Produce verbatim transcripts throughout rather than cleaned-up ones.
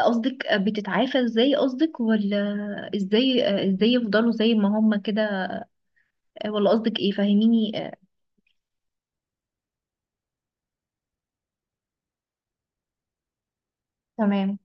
قصدك بتتعافى ازاي؟ قصدك ولا ازاي ازاي يفضلوا زي ما هم كده؟ ولا قصدك ايه؟ فاهميني؟ آه، تمام.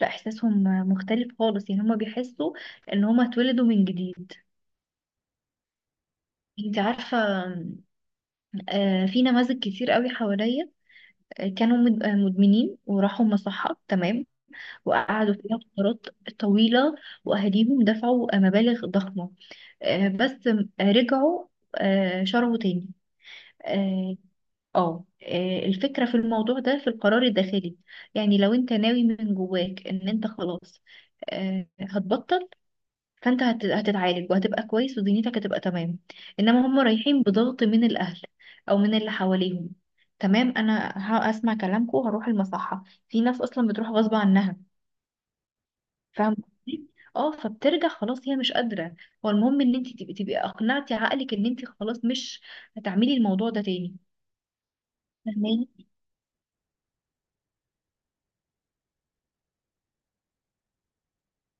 لا، احساسهم مختلف خالص، يعني هم بيحسوا ان هم اتولدوا من جديد. انت عارفة؟ آه، في نماذج كتير قوي حواليا، آه، كانوا مد- آه، مدمنين وراحوا مصحة. تمام. وقعدوا فيها فترات طويلة، واهاليهم دفعوا مبالغ ضخمة. آه، بس آه، رجعوا، آه، شربوا تاني. آه، اه آه، الفكرة في الموضوع ده في القرار الداخلي. يعني لو انت ناوي من جواك ان انت خلاص آه، هتبطل، فانت هت- هتتعالج وهتبقى كويس ودنيتك هتبقى تمام. انما هم رايحين بضغط من الاهل او من اللي حواليهم. تمام، انا هسمع كلامكم وهروح المصحة. في ناس اصلا بتروح غصب عنها. فاهم قصدي؟ اه، فبترجع، خلاص هي مش قادرة. هو المهم ان انت تبقي تبقي اقنعتي عقلك ان انت خلاص مش هتعملي الموضوع ده تاني. فاهماني؟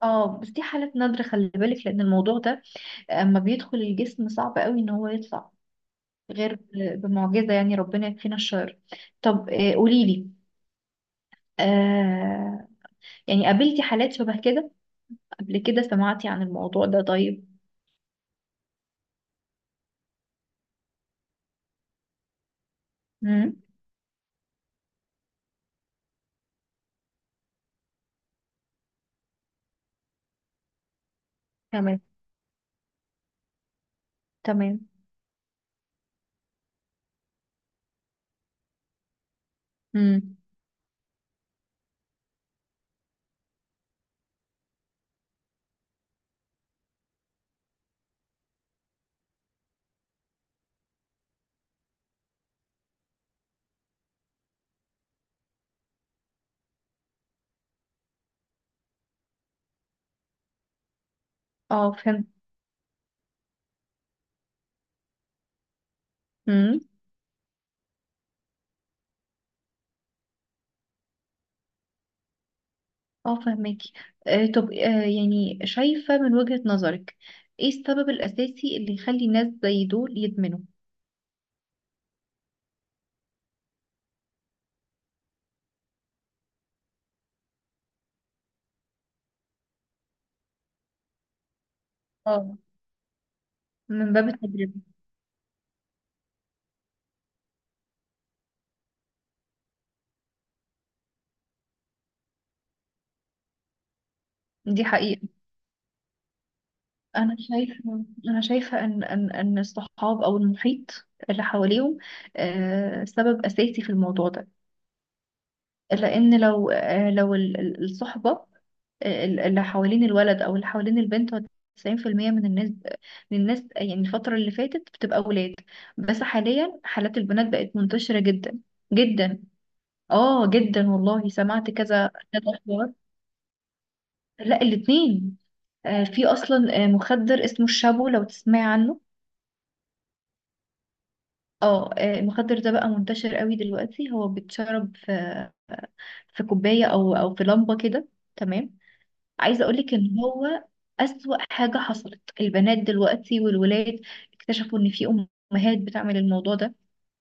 اه، بس دي حالات نادرة، خلي بالك، لأن الموضوع ده آه، أما بيدخل الجسم صعب قوي إن هو يطلع، غير ب- بمعجزة. يعني ربنا يكفينا الشر. طب آه، قوليلي، آه يعني قابلتي حالات شبه كده قبل كده؟ سمعتي عن الموضوع ده؟ طيب. مم. تمام. تمام. مم. اه، فهمت. مم. اه، فهماكي. آه طب، آه يعني شايفة من وجهة نظرك ايه السبب الأساسي اللي يخلي الناس زي دول يدمنوا؟ اه، من باب التجربة. دي حقيقة. انا شايفه انا شايفه ان ان ان الصحاب او المحيط اللي حواليهم آه، سبب اساسي في الموضوع ده. لان لو آه، لو ال- ال- الصحبه، آه، اللي حوالين الولد او اللي حوالين البنت، هو تسعين في المية من الناس، من الناس يعني الفتره اللي فاتت بتبقى ولاد، بس حاليا حالات البنات بقت منتشره جدا جدا. اه جدا، والله سمعت كذا كذا اخبار. لا، الاتنين. آه، في اصلا آه، مخدر اسمه الشابو، لو تسمعي عنه. اه آه، المخدر ده بقى منتشر قوي دلوقتي، هو بيتشرب في في كوباية او او في لمبة كده. تمام. عايزة اقولك ان هو اسوأ حاجة حصلت، البنات دلوقتي والولاد اكتشفوا ان في امهات بتعمل الموضوع ده.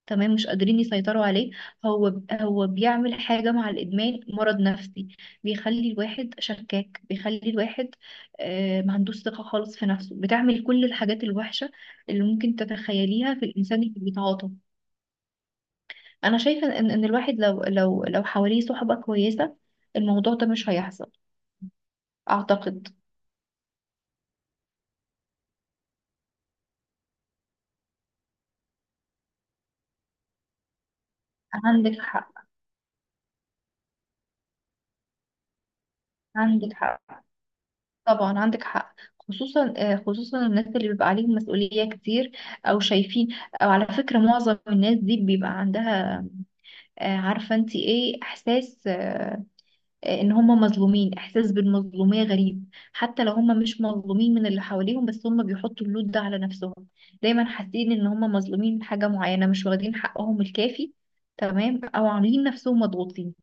تمام، مش قادرين يسيطروا عليه. هو هو بيعمل حاجة مع الادمان، مرض نفسي، بيخلي الواحد شكاك، بيخلي الواحد آه، ما عندوش ثقة خالص في نفسه، بتعمل كل الحاجات الوحشة اللي ممكن تتخيليها في الانسان اللي بيتعاطى. انا شايفه ان ان الواحد لو لو لو حواليه صحبه كويسه، الموضوع ده مش هيحصل، اعتقد. عندك حق. عندك حق، طبعا عندك حق. خصوصا آه، خصوصا الناس اللي بيبقى عليهم مسؤوليه كتير، او شايفين، او على فكره معظم الناس دي بيبقى عندها آه، عارفه انت ايه احساس آه، ان هم مظلومين، احساس بالمظلوميه غريب، حتى لو هم مش مظلومين من اللي حواليهم بس هم بيحطوا اللود ده على نفسهم. دايما حاسين ان هم مظلومين من حاجه معينه، مش واخدين حقهم الكافي، تمام، او عاملين نفسهم مضغوطين،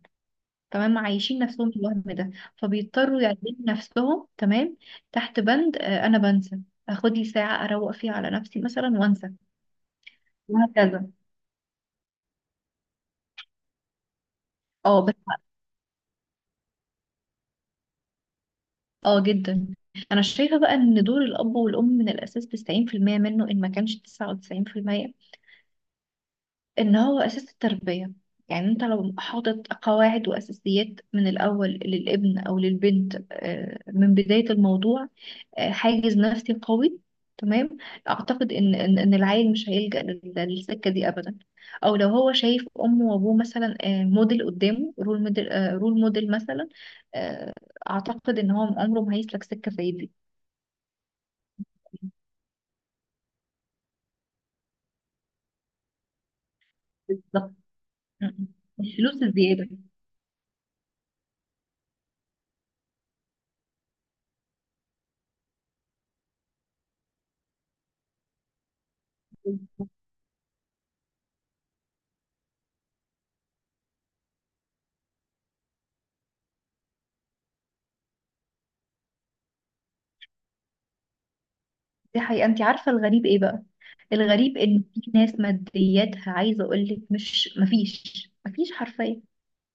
تمام، عايشين نفسهم الوهم ده. فبيضطروا يعيشوا نفسهم، تمام، تحت بند آه، انا بنسى، اخد لي ساعه اروق فيها على نفسي مثلا وانسى، وهكذا. اه، بس. اه جدا. انا شايفه بقى ان دور الاب والام من الاساس تسعين في المية منه، ان ما كانش تسعة وتسعين في المية، ان هو اساس التربية. يعني انت لو حاطط قواعد واساسيات من الاول للابن او للبنت، آه، من بداية الموضوع، آه، حاجز نفسي قوي. تمام. اعتقد ان ان إن العيل مش هيلجأ لل- للسكة دي ابدا. او لو هو شايف امه وابوه مثلا آه، موديل قدامه، رول موديل، آه، رول موديل مثلا، آه، اعتقد ان هو عمره ما هيسلك سكة زي دي. بالظبط. م- م. الفلوس الزيادة. دي حقيقة. انت عارفة الغريب ايه بقى؟ الغريب ان في ناس مادياتها، عايزة اقولك، مش، مفيش مفيش حرفيا،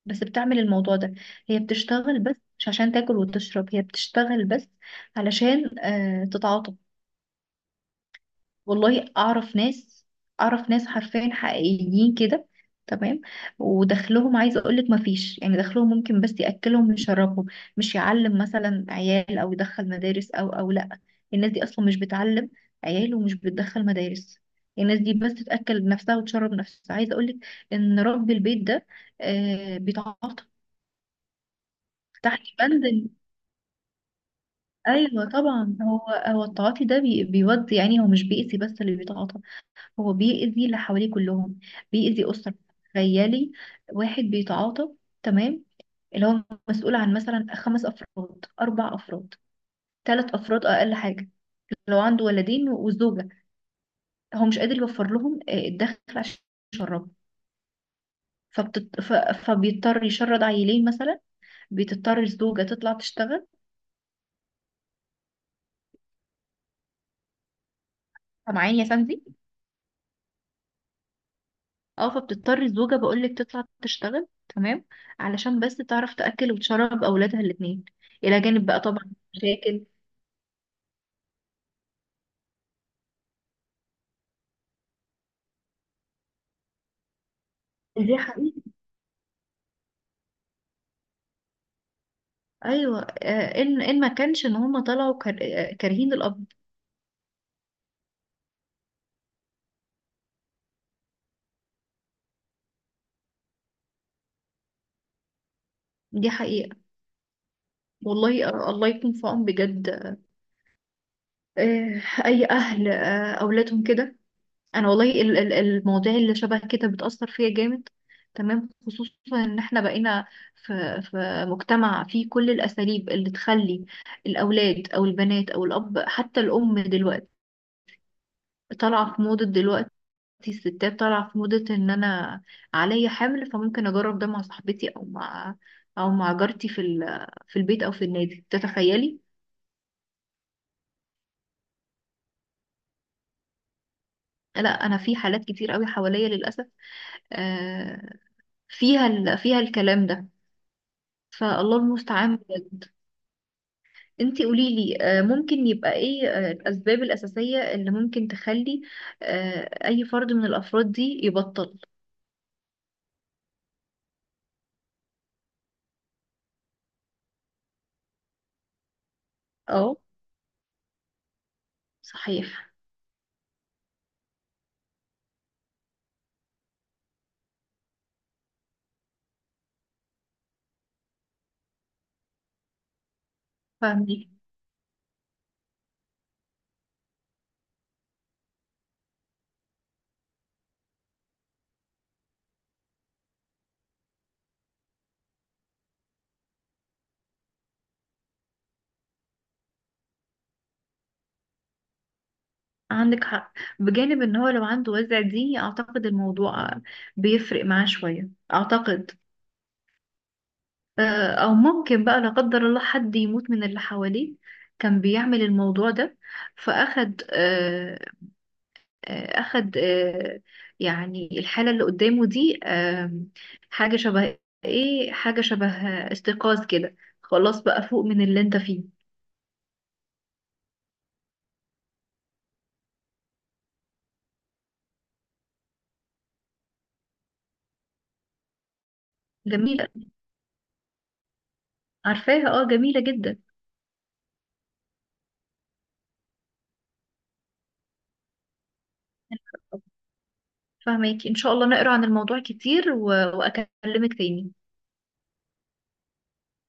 بس بتعمل الموضوع ده. هي بتشتغل بس مش عشان تاكل وتشرب، هي بتشتغل بس علشان آه تتعاطف. والله اعرف ناس، اعرف ناس حرفيا حقيقيين كده. تمام. ودخلهم، عايزه اقول لك، ما فيش، يعني دخلهم ممكن بس ياكلهم ويشربهم، مش يعلم مثلا عيال او يدخل مدارس، او او لا، الناس دي اصلا مش بتعلم عيال ومش بتدخل مدارس. الناس دي بس تاكل نفسها وتشرب نفسها. عايزه اقول لك ان رب البيت ده آه بيتعاطى تحت بند ال- ايوه، طبعا. هو هو التعاطي ده بي بيودي، يعني هو مش بيأذي بس اللي بيتعاطى، هو بيأذي اللي حواليه كلهم، بيأذي أسرة. تخيلي واحد بيتعاطى، تمام، اللي هو مسؤول عن مثلا خمس أفراد، أربع أفراد، ثلاث أفراد، أقل حاجة لو عنده ولدين وزوجة، هو مش قادر يوفر لهم آه، الدخل عشان يشربوا. فبتط... ف... فبيضطر يشرد عيلين مثلا، بتضطر الزوجة تطلع تشتغل. سامعاني يا سندي؟ اه، فبتضطر الزوجة، بقولك، تطلع تشتغل، تمام، علشان بس تعرف تأكل وتشرب أولادها الاتنين، إلى جانب بقى طبعا مشاكل. دي حقيقة. أيوة، آه، إن إن ما كانش إن هما طلعوا كار- آه، كارهين الأب. دي حقيقة. والله آه، الله يكون في عون بجد آه، أي أهل آه، أولادهم كده. أنا والله ال- ال- المواضيع اللي شبه كده بتأثر فيا جامد، تمام، خصوصا إن إحنا بقينا في في مجتمع فيه كل الأساليب اللي تخلي الأولاد أو البنات أو الأب حتى الأم دلوقتي طالعة في موضة. دلوقتي الستات طالعة في موضة ان انا عليا حمل، فممكن اجرب ده مع صاحبتي او مع او مع جارتي في ال- في البيت او في النادي، تتخيلي؟ لا، انا في حالات كتير قوي حواليا للاسف آه، فيها ال- فيها الكلام ده. فالله المستعان بجد. انتي قولي لي، آه، ممكن يبقى ايه آه، الاسباب الاساسية اللي ممكن تخلي آه، اي فرد من الافراد دي يبطل؟ اه. صحيح. فاهمك. عندك حق. بجانب ان هو لو عنده وزع دي، اعتقد الموضوع بيفرق معاه شوية، اعتقد. آه، او ممكن بقى، لا قدر الله، حد يموت من اللي حواليه كان بيعمل الموضوع ده، فاخد آه، آه، اخد، آه، يعني الحالة اللي قدامه دي آه، حاجة شبه، ايه، حاجة شبه استيقاظ كده، خلاص بقى فوق من اللي انت فيه. جميلة. عارفاها، اه، جميلة جدا. فهماكي، ان شاء الله نقرا عن الموضوع كتير و... واكلمك تاني.